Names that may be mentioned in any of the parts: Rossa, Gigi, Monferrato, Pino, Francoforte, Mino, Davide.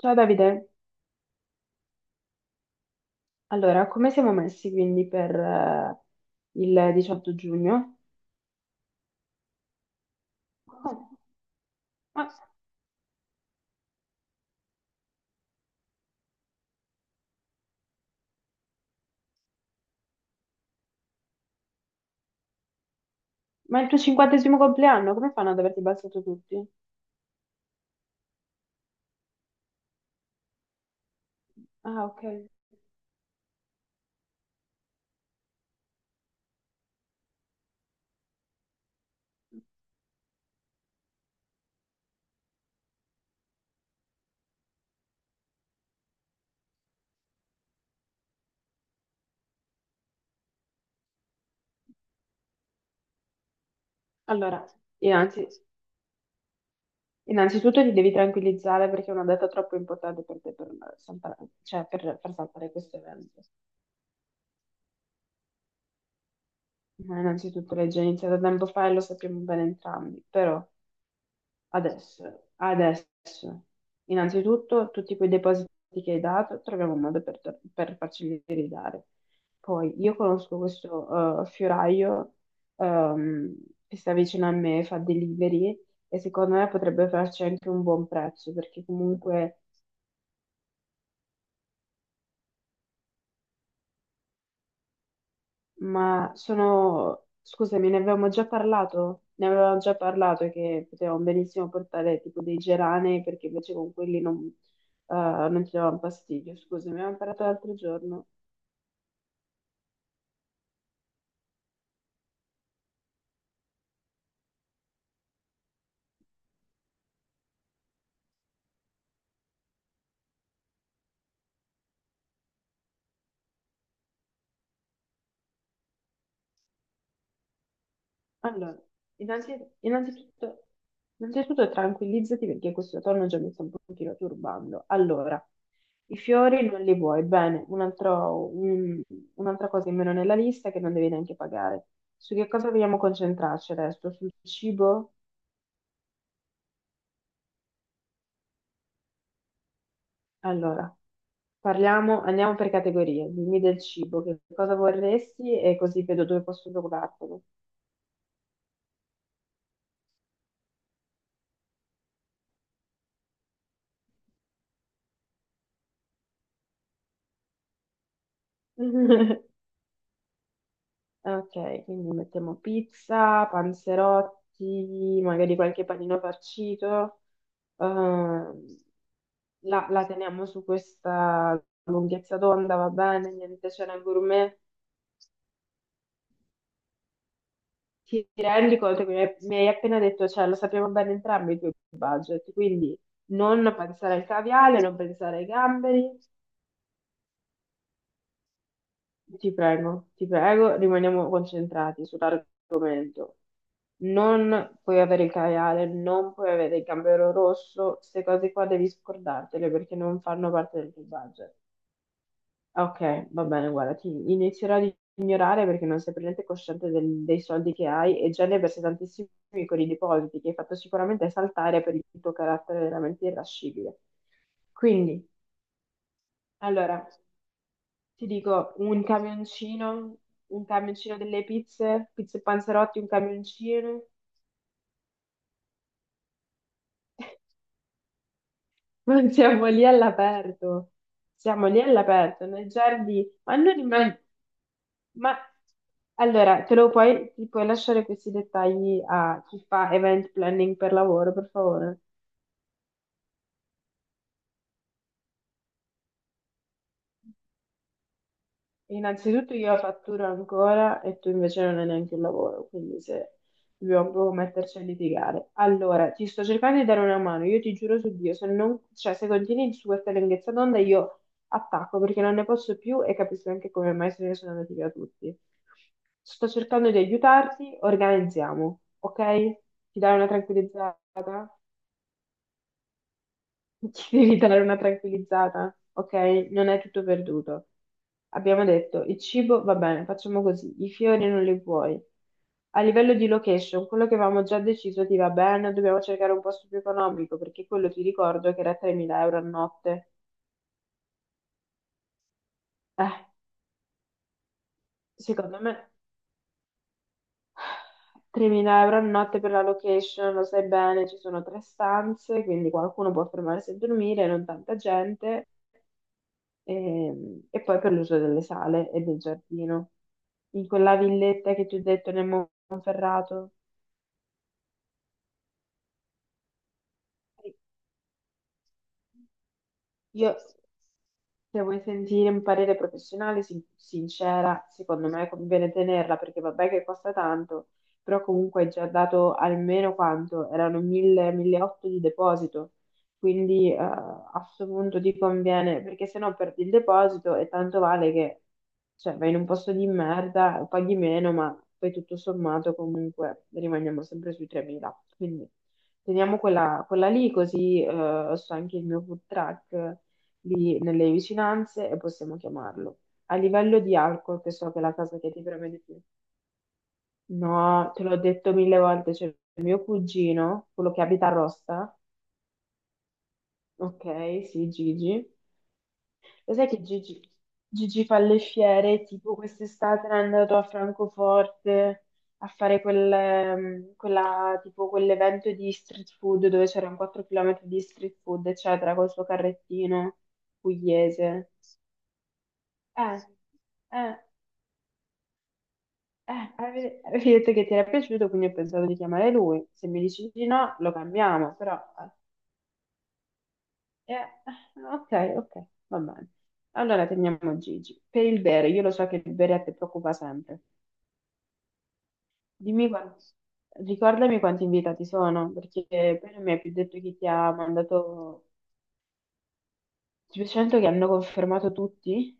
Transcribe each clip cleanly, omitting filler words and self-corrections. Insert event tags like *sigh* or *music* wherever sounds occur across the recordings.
Ciao Davide, allora come siamo messi quindi per il 18 giugno? Oh, ma, ma è il tuo 50° compleanno, come fanno ad averti abbassato tutti? Ah, ok. Allora, innanzi- innanzitutto ti devi tranquillizzare perché è una data troppo importante per te per saltare, cioè per far saltare questo evento. Ma innanzitutto l'hai già iniziato tempo fa e lo sappiamo bene entrambi, però adesso innanzitutto tutti quei depositi che hai dato, troviamo un modo per farceli ridare. Poi io conosco questo fioraio ehm, che sta vicino a me, fa delivery e secondo me potrebbe farci anche un buon prezzo perché comunque. Ma sono, scusami, ne avevamo già parlato? Ne avevamo già parlato che potevamo benissimo portare tipo dei geranei perché invece con quelli non ci davano fastidio. Scusami, avevamo parlato l'altro giorno. Allora, innanzitutto, innanzitutto tranquillizzati perché questo tono già mi sta un pochino turbando. Allora, i fiori non li vuoi, bene, un'altra cosa in meno nella lista che non devi neanche pagare. Su che cosa vogliamo concentrarci adesso? Sul cibo? Allora, parliamo, andiamo per categorie. Dimmi del cibo, che cosa vorresti e così vedo dove posso procurartelo. *laughs* Ok, quindi mettiamo pizza, panzerotti, magari qualche panino farcito. Ehm, la teniamo su questa lunghezza d'onda, va bene? Niente cena gourmet. Ti rendi conto che mi hai appena detto, cioè lo sappiamo bene entrambi i tuoi budget, quindi non pensare al caviale, non pensare ai gamberi, ti prego, rimaniamo concentrati sull'argomento. Non puoi avere il caviale, non puoi avere il gambero rosso, queste cose qua devi scordartele perché non fanno parte del tuo budget. Ok, va bene, guarda, ti inizierò ad ignorare perché non sei per niente cosciente dei soldi che hai e già ne versi tantissimi con i depositi che hai fatto sicuramente saltare per il tuo carattere veramente irascibile. Quindi, allora, ti dico un camioncino delle pizze, pizze e panzerotti, un camioncino. *laughs* Ma siamo lì all'aperto, nei giardini, ma non immagino. Allora, ti puoi lasciare questi dettagli a chi fa event planning per lavoro, per favore? Innanzitutto io fatturo ancora e tu invece non hai neanche un lavoro, quindi se dobbiamo proprio metterci a litigare. Allora, ti sto cercando di dare una mano, io ti giuro su Dio, se non, cioè, se continui su questa lunghezza d'onda io attacco perché non ne posso più e capisco anche come mai se ne sono andati via tutti. Sto cercando di aiutarti, organizziamo, ok? Ti dai una tranquillizzata? Ci devi dare una tranquillizzata, ok? Non è tutto perduto. Abbiamo detto, il cibo va bene, facciamo così, i fiori non li vuoi. A livello di location, quello che avevamo già deciso ti va bene, dobbiamo cercare un posto più economico, perché quello ti ricordo che era 3.000 euro a notte. Eh, secondo me 3.000 euro a notte per la location, lo sai bene, ci sono 3 stanze, quindi qualcuno può fermarsi a dormire, non tanta gente. E poi per l'uso delle sale e del giardino. In quella villetta che ti ho detto nel Monferrato, io, se vuoi sentire un parere professionale, sincera, secondo me conviene tenerla perché vabbè che costa tanto, però comunque hai già dato almeno quanto? Erano 1000, 1800 di deposito, quindi a questo punto ti conviene, perché se no perdi il deposito e tanto vale che, cioè, vai in un posto di merda, paghi meno, ma poi tutto sommato comunque rimaniamo sempre sui 3.000. Quindi teniamo quella lì così, so anche il mio food truck lì nelle vicinanze e possiamo chiamarlo. A livello di alcol, che so che è la cosa che ti preme di più. No, te l'ho detto 1000 volte, c'è il mio cugino, quello che abita a Rossa, ok, sì, Gigi. Lo sai che Gigi, Gigi fa le fiere, tipo quest'estate era andato a Francoforte a fare quel, tipo quell'evento di street food dove c'erano 4 km di street food, eccetera, col suo carrettino pugliese. Eh, eh. Avevi detto che ti era piaciuto, quindi ho pensato di chiamare lui. Se mi dici di no, lo cambiamo, però... ok, ok, va bene. Allora teniamo Gigi. Per il bere, io lo so che il bere a te preoccupa sempre. Dimmi quanti... Ricordami quanti invitati sono, perché poi non mi hai più detto chi ti ha mandato... Ti sento che hanno confermato tutti?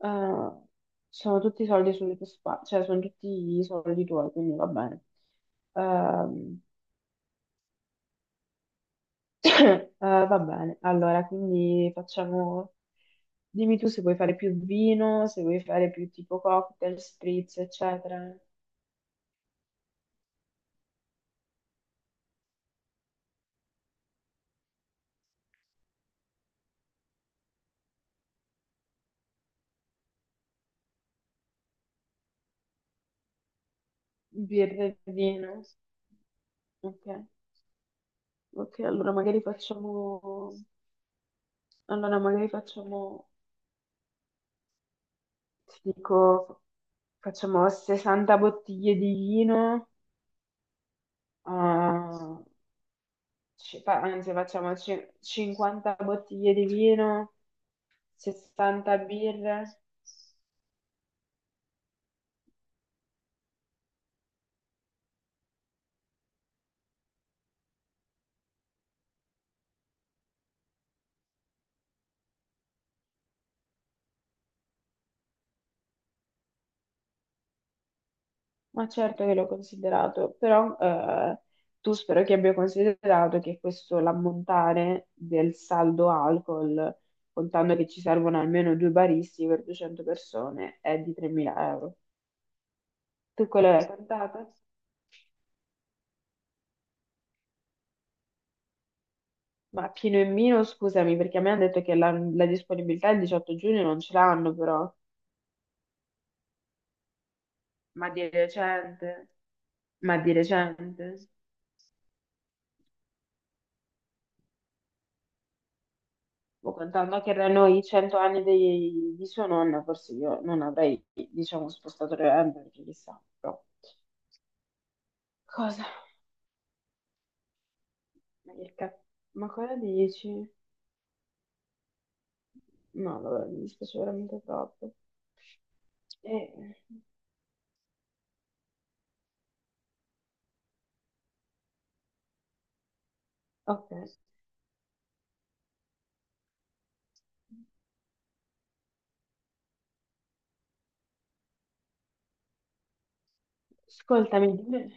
Eh, sono tutti soldi sulle tue spalle, cioè sono tutti i soldi tuoi, quindi va bene. Ehm, va bene, allora, quindi facciamo... Dimmi tu se vuoi fare più vino, se vuoi fare più tipo cocktail, spritz, eccetera. Birra e vino. Ok, ok, allora magari facciamo... Allora magari facciamo... Ti dico, facciamo 60 bottiglie di vino, ah, ci fa- anzi facciamo cin- 50 bottiglie di vino, 60 birre. Ma certo che l'ho considerato, però tu spero che abbia considerato che questo l'ammontare del saldo alcol, contando che ci servono almeno 2 baristi per 200 persone, è di 3.000 euro. Tu quello l'hai contato? Ma Pino e Mino, scusami, perché a me hanno detto che la disponibilità il 18 giugno non ce l'hanno però. Ma di recente? Ma di recente? Boh, contando che erano i 100 anni di sua nonna, forse io non avrei, diciamo, spostato le gambe, perché chissà, però. Cosa? Ma che cazzo? Ma cosa dici? No, vabbè, mi dispiace veramente troppo. Eh, ok. Ascoltami, dimmi-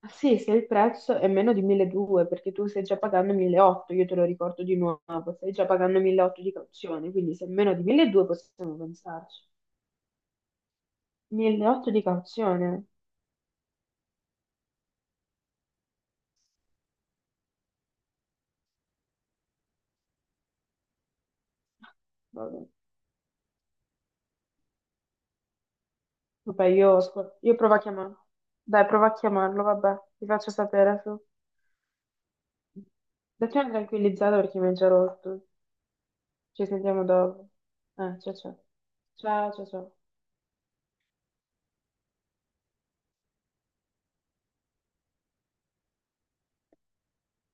ah, sì, se il prezzo è meno di 1.200, perché tu stai già pagando 1.800, io te lo ricordo di nuovo, stai già pagando 1.800 di cauzione, quindi se è meno di 1.200 possiamo pensarci. 1.800 di cauzione? Vabbè, Vabbè, io, io provo a chiamarlo. Dai, prova a chiamarlo, vabbè, ti faccio sapere su. Datti una tranquillizzata perché mi ha già rotto. Ci sentiamo dopo. Ciao ciao. Ciao ciao ciao.